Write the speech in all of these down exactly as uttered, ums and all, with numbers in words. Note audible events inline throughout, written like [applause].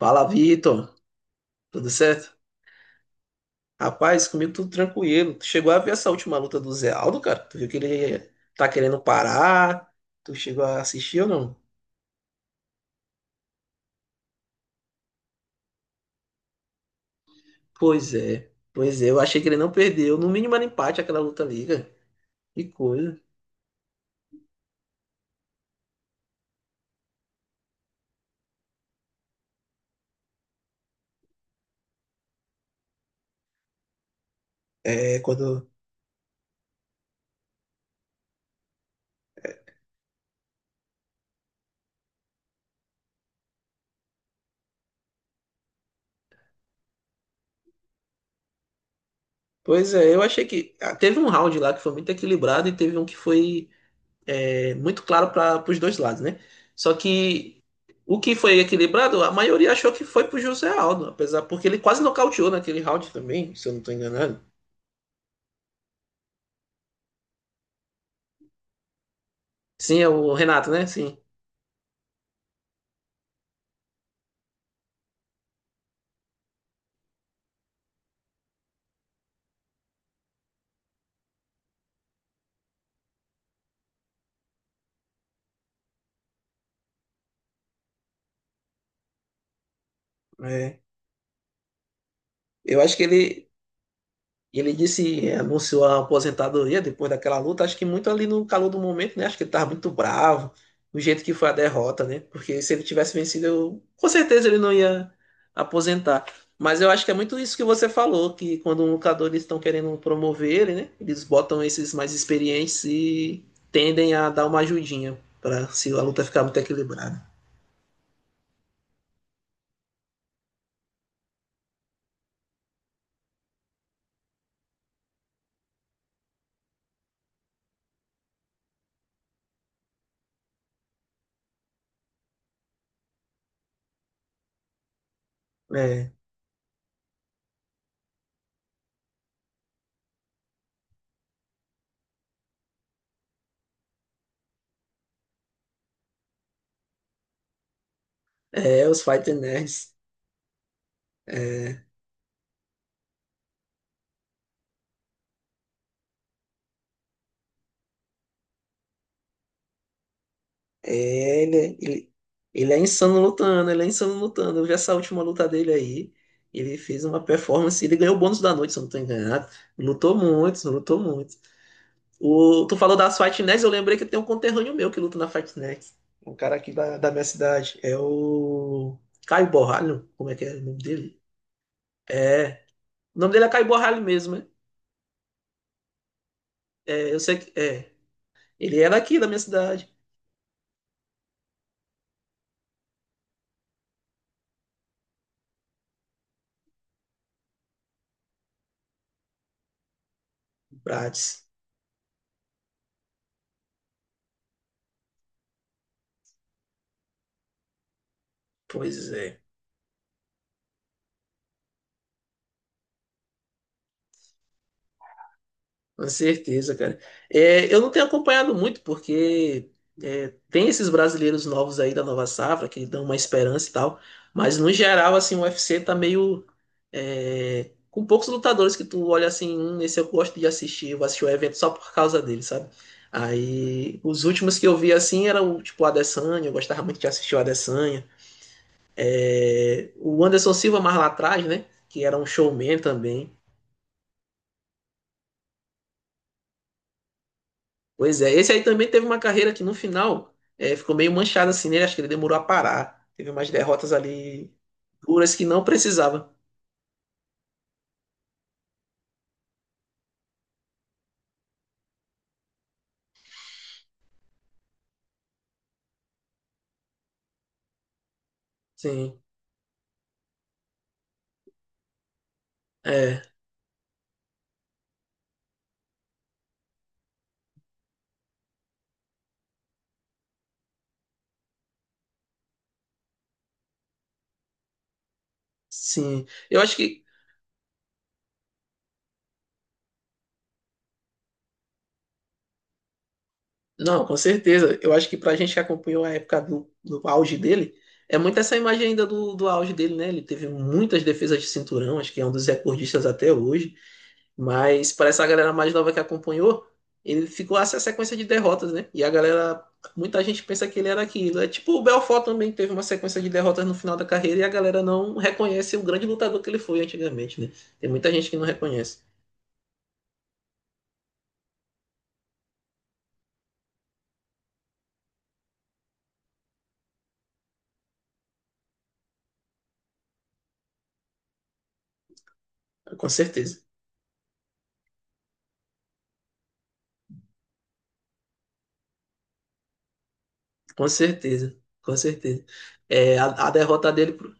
Fala, Vitor. Tudo certo? Rapaz, comigo tudo tranquilo. Tu chegou a ver essa última luta do Zé Aldo, cara? Tu viu que ele tá querendo parar? Tu chegou a assistir ou não? Pois é. Pois é, eu achei que ele não perdeu. No mínimo era empate aquela luta ali, cara. Que coisa. É, quando. Pois é, eu achei que. ah, Teve um round lá que foi muito equilibrado e teve um que foi é, muito claro para os dois lados, né? Só que o que foi equilibrado, a maioria achou que foi pro José Aldo, apesar porque ele quase nocauteou naquele round também, se eu não estou enganado. Sim, é o Renato, né? Sim. É. Eu acho que ele e ele disse, é, anunciou a aposentadoria depois daquela luta, acho que muito ali no calor do momento, né? Acho que ele estava muito bravo, do jeito que foi a derrota, né? Porque se ele tivesse vencido, eu, com certeza ele não ia aposentar. Mas eu acho que é muito isso que você falou, que quando um lutador eles estão querendo promover ele, né? Eles botam esses mais experientes e tendem a dar uma ajudinha para se a luta ficar muito equilibrada. É, é os Fighter Nerds. É. É, ele, é- ele, ele é insano lutando, ele é insano lutando. Eu vi essa última luta dele aí. Ele fez uma performance, ele ganhou o bônus da noite, se eu não tô enganado. Lutou muito, lutou muito. O, tu falou das Fight Next, eu lembrei que tem um conterrâneo meu que luta na Fight Next. Um cara aqui da, da minha cidade. É o Caio Borralho, como é que é o nome dele? É, o nome dele é Caio Borralho mesmo, né? É, eu sei que é. Ele era aqui da minha cidade, Prates. Pois é. Com certeza, cara. É, eu não tenho acompanhado muito, porque é, tem esses brasileiros novos aí da nova safra que dão uma esperança e tal, mas no geral, assim, o U F C tá meio. É, com poucos lutadores que tu olha assim, hum, esse eu gosto de assistir, eu vou assistir o evento só por causa dele, sabe? Aí, os últimos que eu vi assim eram tipo o Adesanya, eu gostava muito de assistir o Adesanya. É, o Anderson Silva mais lá atrás, né? Que era um showman também. Pois é, esse aí também teve uma carreira que no final é, ficou meio manchada assim nele, acho que ele demorou a parar. Teve umas derrotas ali duras que não precisava. Sim, é, sim. Eu acho que, não, com certeza, eu acho que pra gente que acompanhou a época do, do auge dele, é muito essa imagem ainda do, do auge dele, né? Ele teve muitas defesas de cinturão, acho que é um dos recordistas até hoje. Mas para essa galera mais nova que acompanhou, ele ficou essa sequência de derrotas, né? E a galera, muita gente pensa que ele era aquilo. É tipo o Belfort também teve uma sequência de derrotas no final da carreira e a galera não reconhece o grande lutador que ele foi antigamente, né? Tem muita gente que não reconhece. Com certeza. Com certeza. Com certeza. É, a, a derrota dele pro-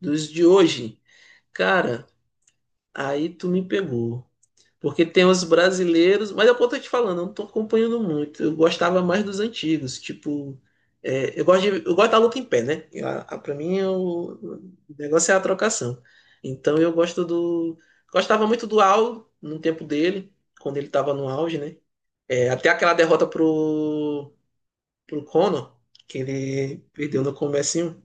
dos de hoje, cara, aí tu me pegou. Porque tem os brasileiros, mas é o que eu tô te falando, eu não tô acompanhando muito. Eu gostava mais dos antigos, tipo, é, eu gosto de- eu gosto da luta em pé, né? A, a- pra mim o, o negócio é a trocação. Então eu gosto do, gostava muito do Al no tempo dele, quando ele tava no auge, né? É, até aquela derrota pro pro Conor, que ele perdeu no comecinho.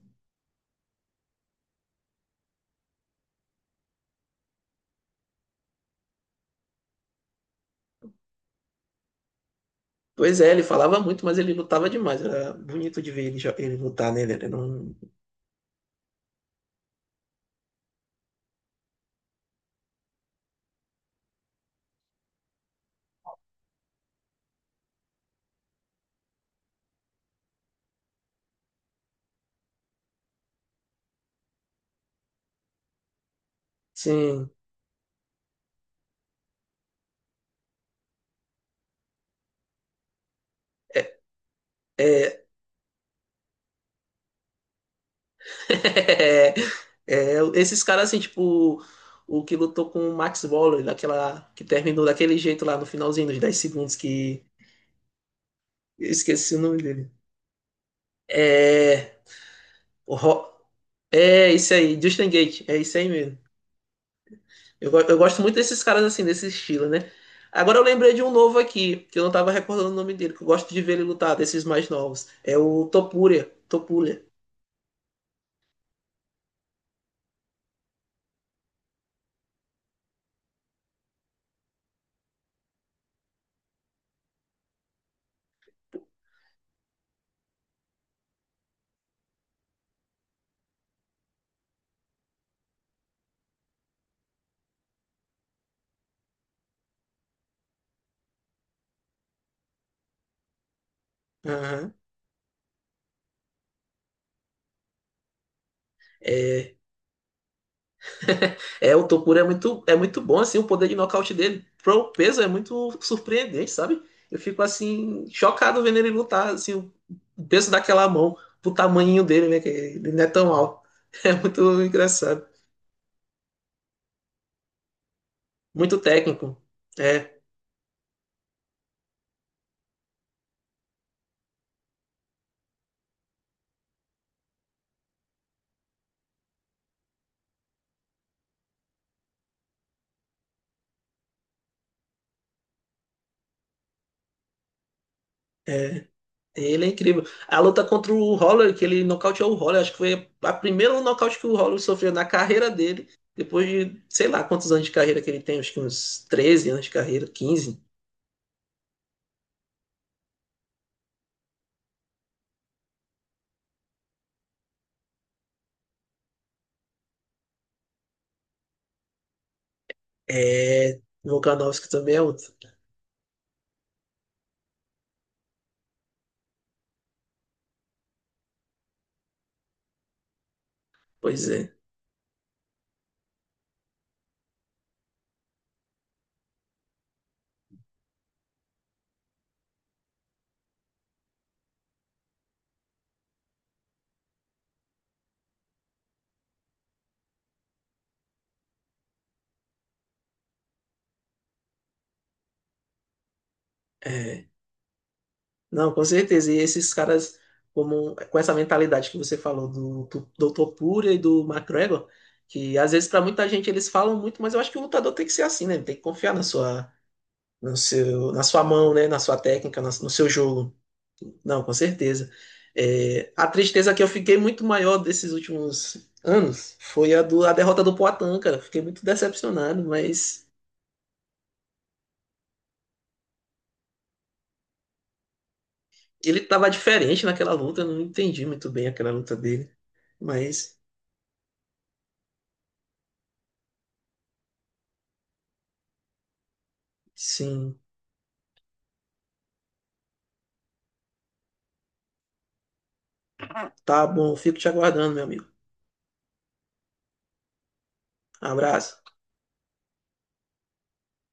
Pois é, ele falava muito, mas ele lutava demais. Era bonito de ver ele, jo- ele lutar, né? Ele era um, sim é, é, [laughs] É, é, esses caras, assim, tipo, o que lutou com o Max Waller, daquela, que terminou daquele jeito lá no finalzinho dos dez segundos, que eu esqueci o nome dele. É, o Ro- é isso aí, Justin Gate é isso aí mesmo. Eu, go- eu gosto muito desses caras, assim, desse estilo, né? Agora eu lembrei de um novo aqui, que eu não tava recordando o nome dele, que eu gosto de ver ele lutar, desses mais novos. É o Topuria, Topuria. Aham. [laughs] É, o Topura é muito, é muito bom, assim, o poder de nocaute dele. Pro peso é muito surpreendente, sabe? Eu fico, assim, chocado vendo ele lutar, assim, o peso daquela mão, pro tamanho dele, né? Que ele não é tão alto. [laughs] É muito engraçado. Muito técnico. É, é. Ele é incrível. A luta contra o Holler, que ele nocauteou o Holler, acho que foi a primeira nocaute que o Holler sofreu na carreira dele, depois de, sei lá, quantos anos de carreira que ele tem, acho que uns treze anos de carreira, quinze. É, Volkanovski também é outro. Pois é. É, não, com certeza. E esses caras, como, com essa mentalidade que você falou do, do doutor Puria e do McGregor, que às vezes para muita gente eles falam muito, mas eu acho que o lutador tem que ser assim, né? Tem que confiar na sua, no seu, na sua mão, né? Na sua técnica, na- no seu jogo. Não, com certeza. É, a tristeza que eu fiquei muito maior desses últimos anos foi a, do, a derrota do Poatan, cara. Fiquei muito decepcionado, mas ele tava diferente naquela luta. Eu não entendi muito bem aquela luta dele. Mas, sim, tá bom. Fico te aguardando, meu amigo. Abraço.